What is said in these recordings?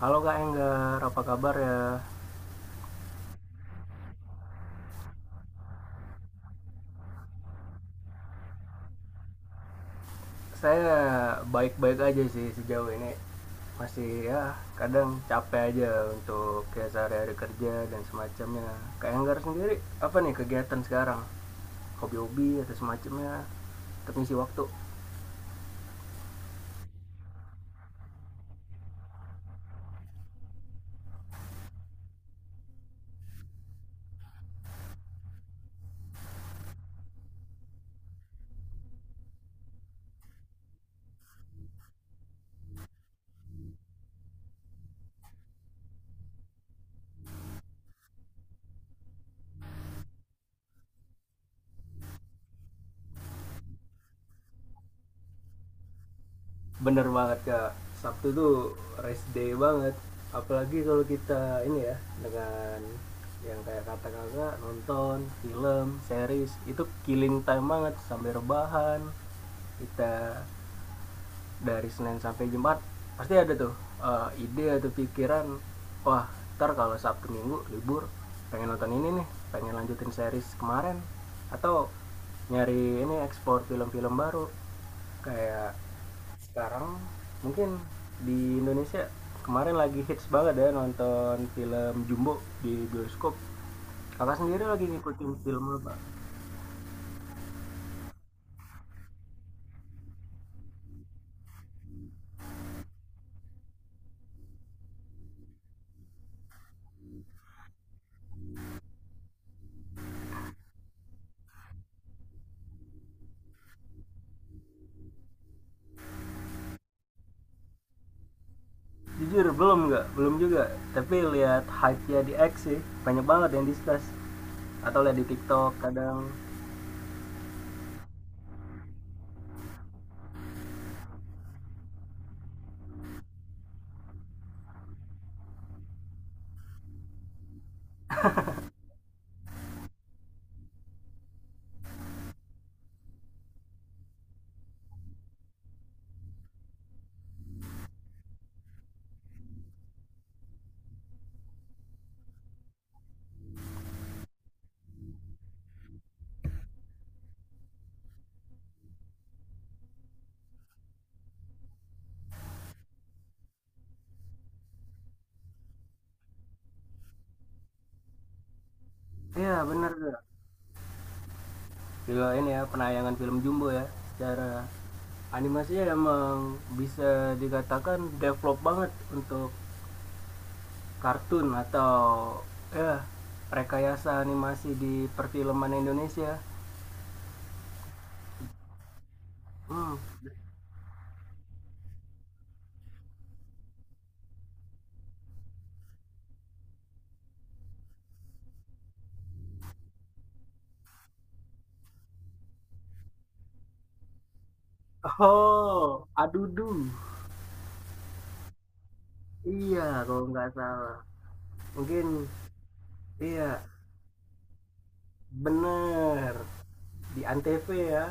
Halo Kak Enggar, apa kabar ya? Saya baik-baik aja sih sejauh ini. Masih ya kadang capek aja untuk ya sehari-hari kerja dan semacamnya. Kak Enggar sendiri apa nih kegiatan sekarang? Hobi-hobi atau semacamnya untuk ngisi waktu? Bener banget Kak. Sabtu tuh rest day banget. Apalagi kalau kita ini ya dengan yang kayak kata kakak nonton film, series itu killing time banget sambil rebahan, kita dari Senin sampai Jumat pasti ada tuh ide atau pikiran, wah, ntar kalau Sabtu Minggu libur pengen nonton ini nih, pengen lanjutin series kemarin atau nyari ini ekspor film-film baru kayak sekarang. Mungkin di Indonesia kemarin lagi hits banget ya nonton film Jumbo di bioskop. Kakak sendiri lagi ngikutin film apa? Jujur belum, nggak, belum juga, tapi lihat hype nya di X sih, banyak banget yang discuss atau lihat di TikTok kadang. Iya bener tuh. Juga ini ya penayangan film Jumbo ya, secara animasinya emang bisa dikatakan develop banget untuk kartun atau ya rekayasa animasi di perfilman Indonesia. hmm. Oh, adudu, iya, kalau nggak salah, mungkin, iya. Bener, di ANTV ya,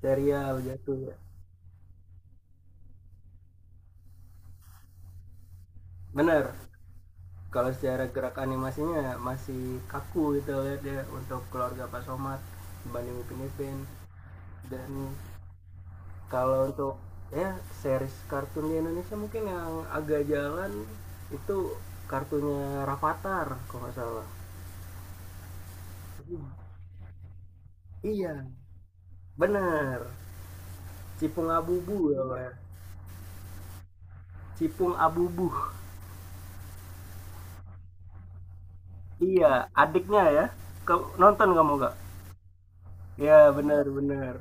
serial jatuh ya. Bener, kalau secara gerak animasinya masih kaku gitu lihat ya untuk keluarga Pak Somad dibanding Upin Ipin. Dan kalau untuk ya series kartun di Indonesia mungkin yang agak jalan itu kartunya Rafathar kalau nggak salah. Iya, bener. Cipung Abubu ya, Pak. Cipung Abubu. Iya, adiknya ya. Kau nonton kamu gak? Ya benar benar.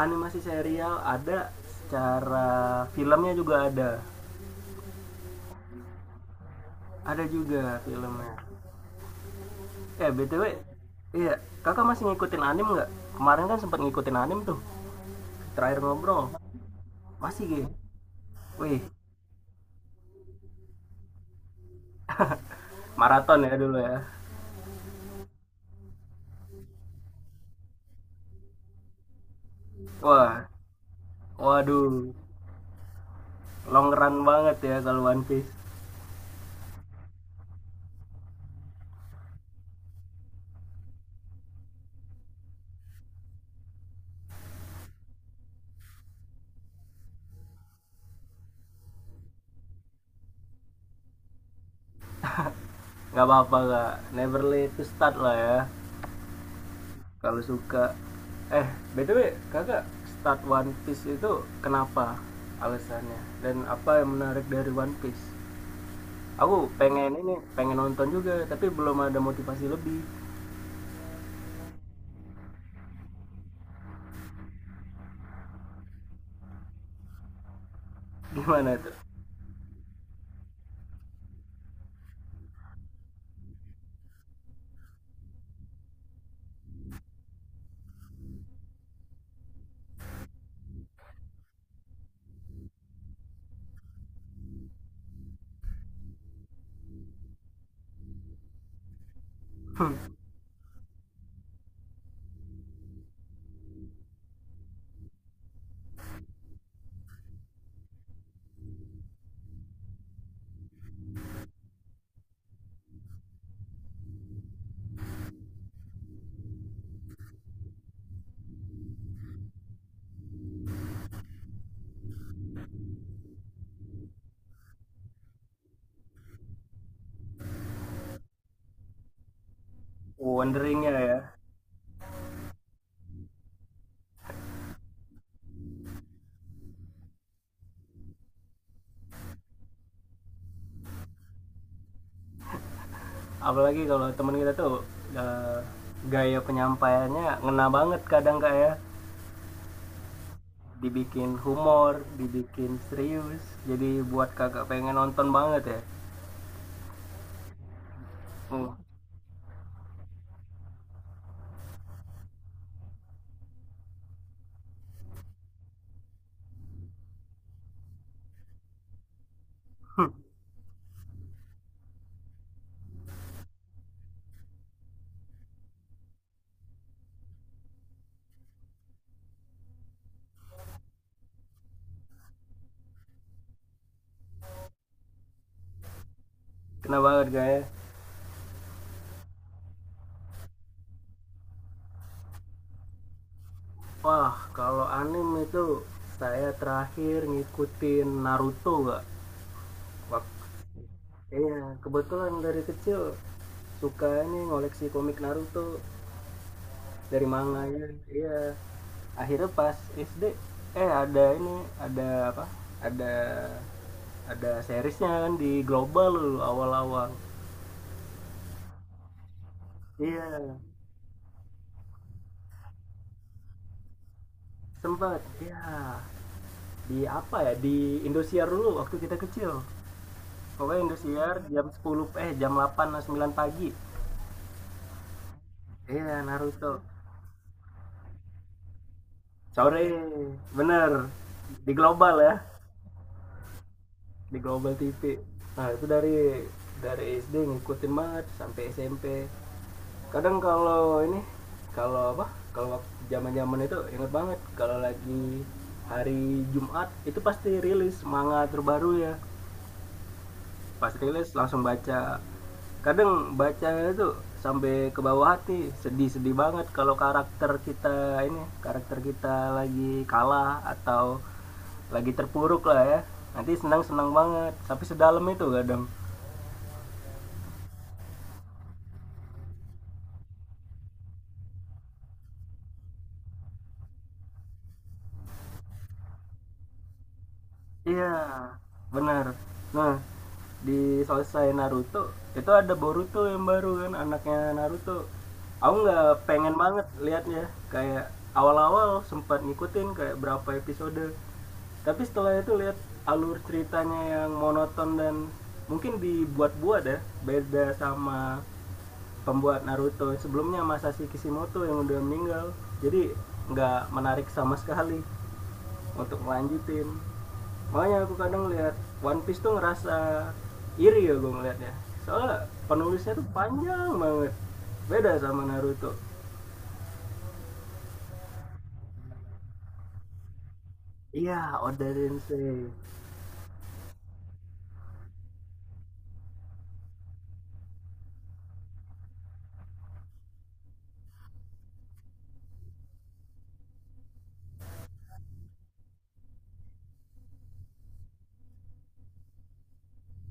Animasi serial ada, secara filmnya juga ada. Ada juga filmnya. Eh BTW, iya, Kakak masih ngikutin anim nggak? Kemarin kan sempat ngikutin anim tuh. Terakhir ngobrol. Masih gitu. Wih, maraton ya dulu ya. Wah, waduh. Long run banget ya kalau One Piece. Nggak apa-apa, Kak. Never late to start lah ya. Kalau suka, eh btw kakak start One Piece itu kenapa alasannya, dan apa yang menarik dari One Piece? Aku pengen ini, pengen nonton juga, tapi belum ada motivasi lebih. gimana tuh wonderingnya ya? Apalagi kalau teman kita tuh, eh, gaya penyampaiannya ngena banget kadang kak ya, dibikin humor dibikin serius, jadi buat kakak pengen nonton banget ya. Hmm, kena banget kak ya. Wah, kalau anime itu saya terakhir ngikutin Naruto Kak. Wak- iya, kebetulan dari kecil suka ini ngoleksi komik Naruto dari manganya. Oh, iya. Akhirnya pas SD ada ini, ada apa? Ada ada seriesnya kan di global dulu awal-awal. Iya, sempat. Iya. Di apa ya? Di Indosiar dulu waktu kita kecil. Pokoknya Indosiar jam 10 jam 8 atau 9 pagi. Iya, Naruto. Sore. Bener. Di Global ya. Di Global TV. Nah, itu dari SD ngikutin banget sampai SMP. Kadang kalau ini, kalau apa? Kalau zaman-zaman itu inget banget kalau lagi hari Jumat itu pasti rilis manga terbaru ya. Pas rilis langsung baca. Kadang bacanya itu sampai ke bawah hati, sedih-sedih banget kalau karakter kita ini, karakter kita lagi kalah atau lagi terpuruk lah ya, nanti senang-senang banget, tapi sedalam itu kadang. Iya, benar. Nah, di selesai Naruto itu ada Boruto yang baru kan, anaknya Naruto. Aku nggak pengen banget liatnya, kayak awal-awal sempat ngikutin kayak berapa episode. Tapi setelah itu lihat alur ceritanya yang monoton dan mungkin dibuat-buat ya, beda sama pembuat Naruto sebelumnya Masashi Kishimoto yang udah meninggal. Jadi nggak menarik sama sekali untuk lanjutin. Makanya aku kadang lihat One Piece tuh ngerasa iri ya gue ngeliatnya, soalnya penulisnya tuh panjang banget, beda sama Naruto. Iya, Oda Sensei.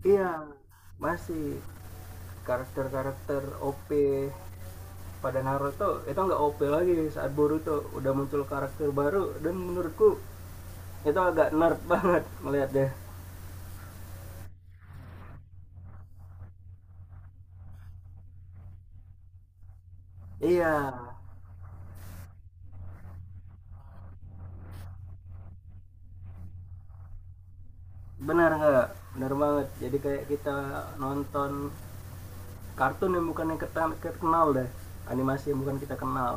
Iya, masih karakter-karakter OP pada Naruto itu nggak OP lagi saat Boruto, udah muncul karakter baru dan menurutku itu agak nerd banget melihatnya. Iya, benar nggak, benar banget, jadi kayak kita nonton kartun yang bukan yang kita kita kenal deh, animasi yang bukan kita kenal.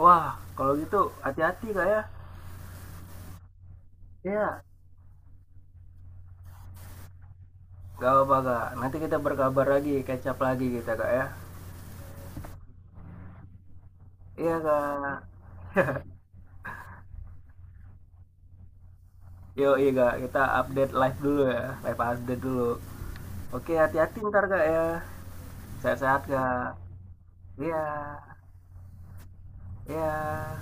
Wah, kalau gitu hati-hati kak ya. Iya, gak apa-apa kak, nanti kita berkabar lagi, kecap lagi kita kak ya. Iya kak. yo iya kak, kita update live dulu ya, live update dulu. Oke, hati-hati ntar kak ya. Sehat-sehat kak. Iya, iya.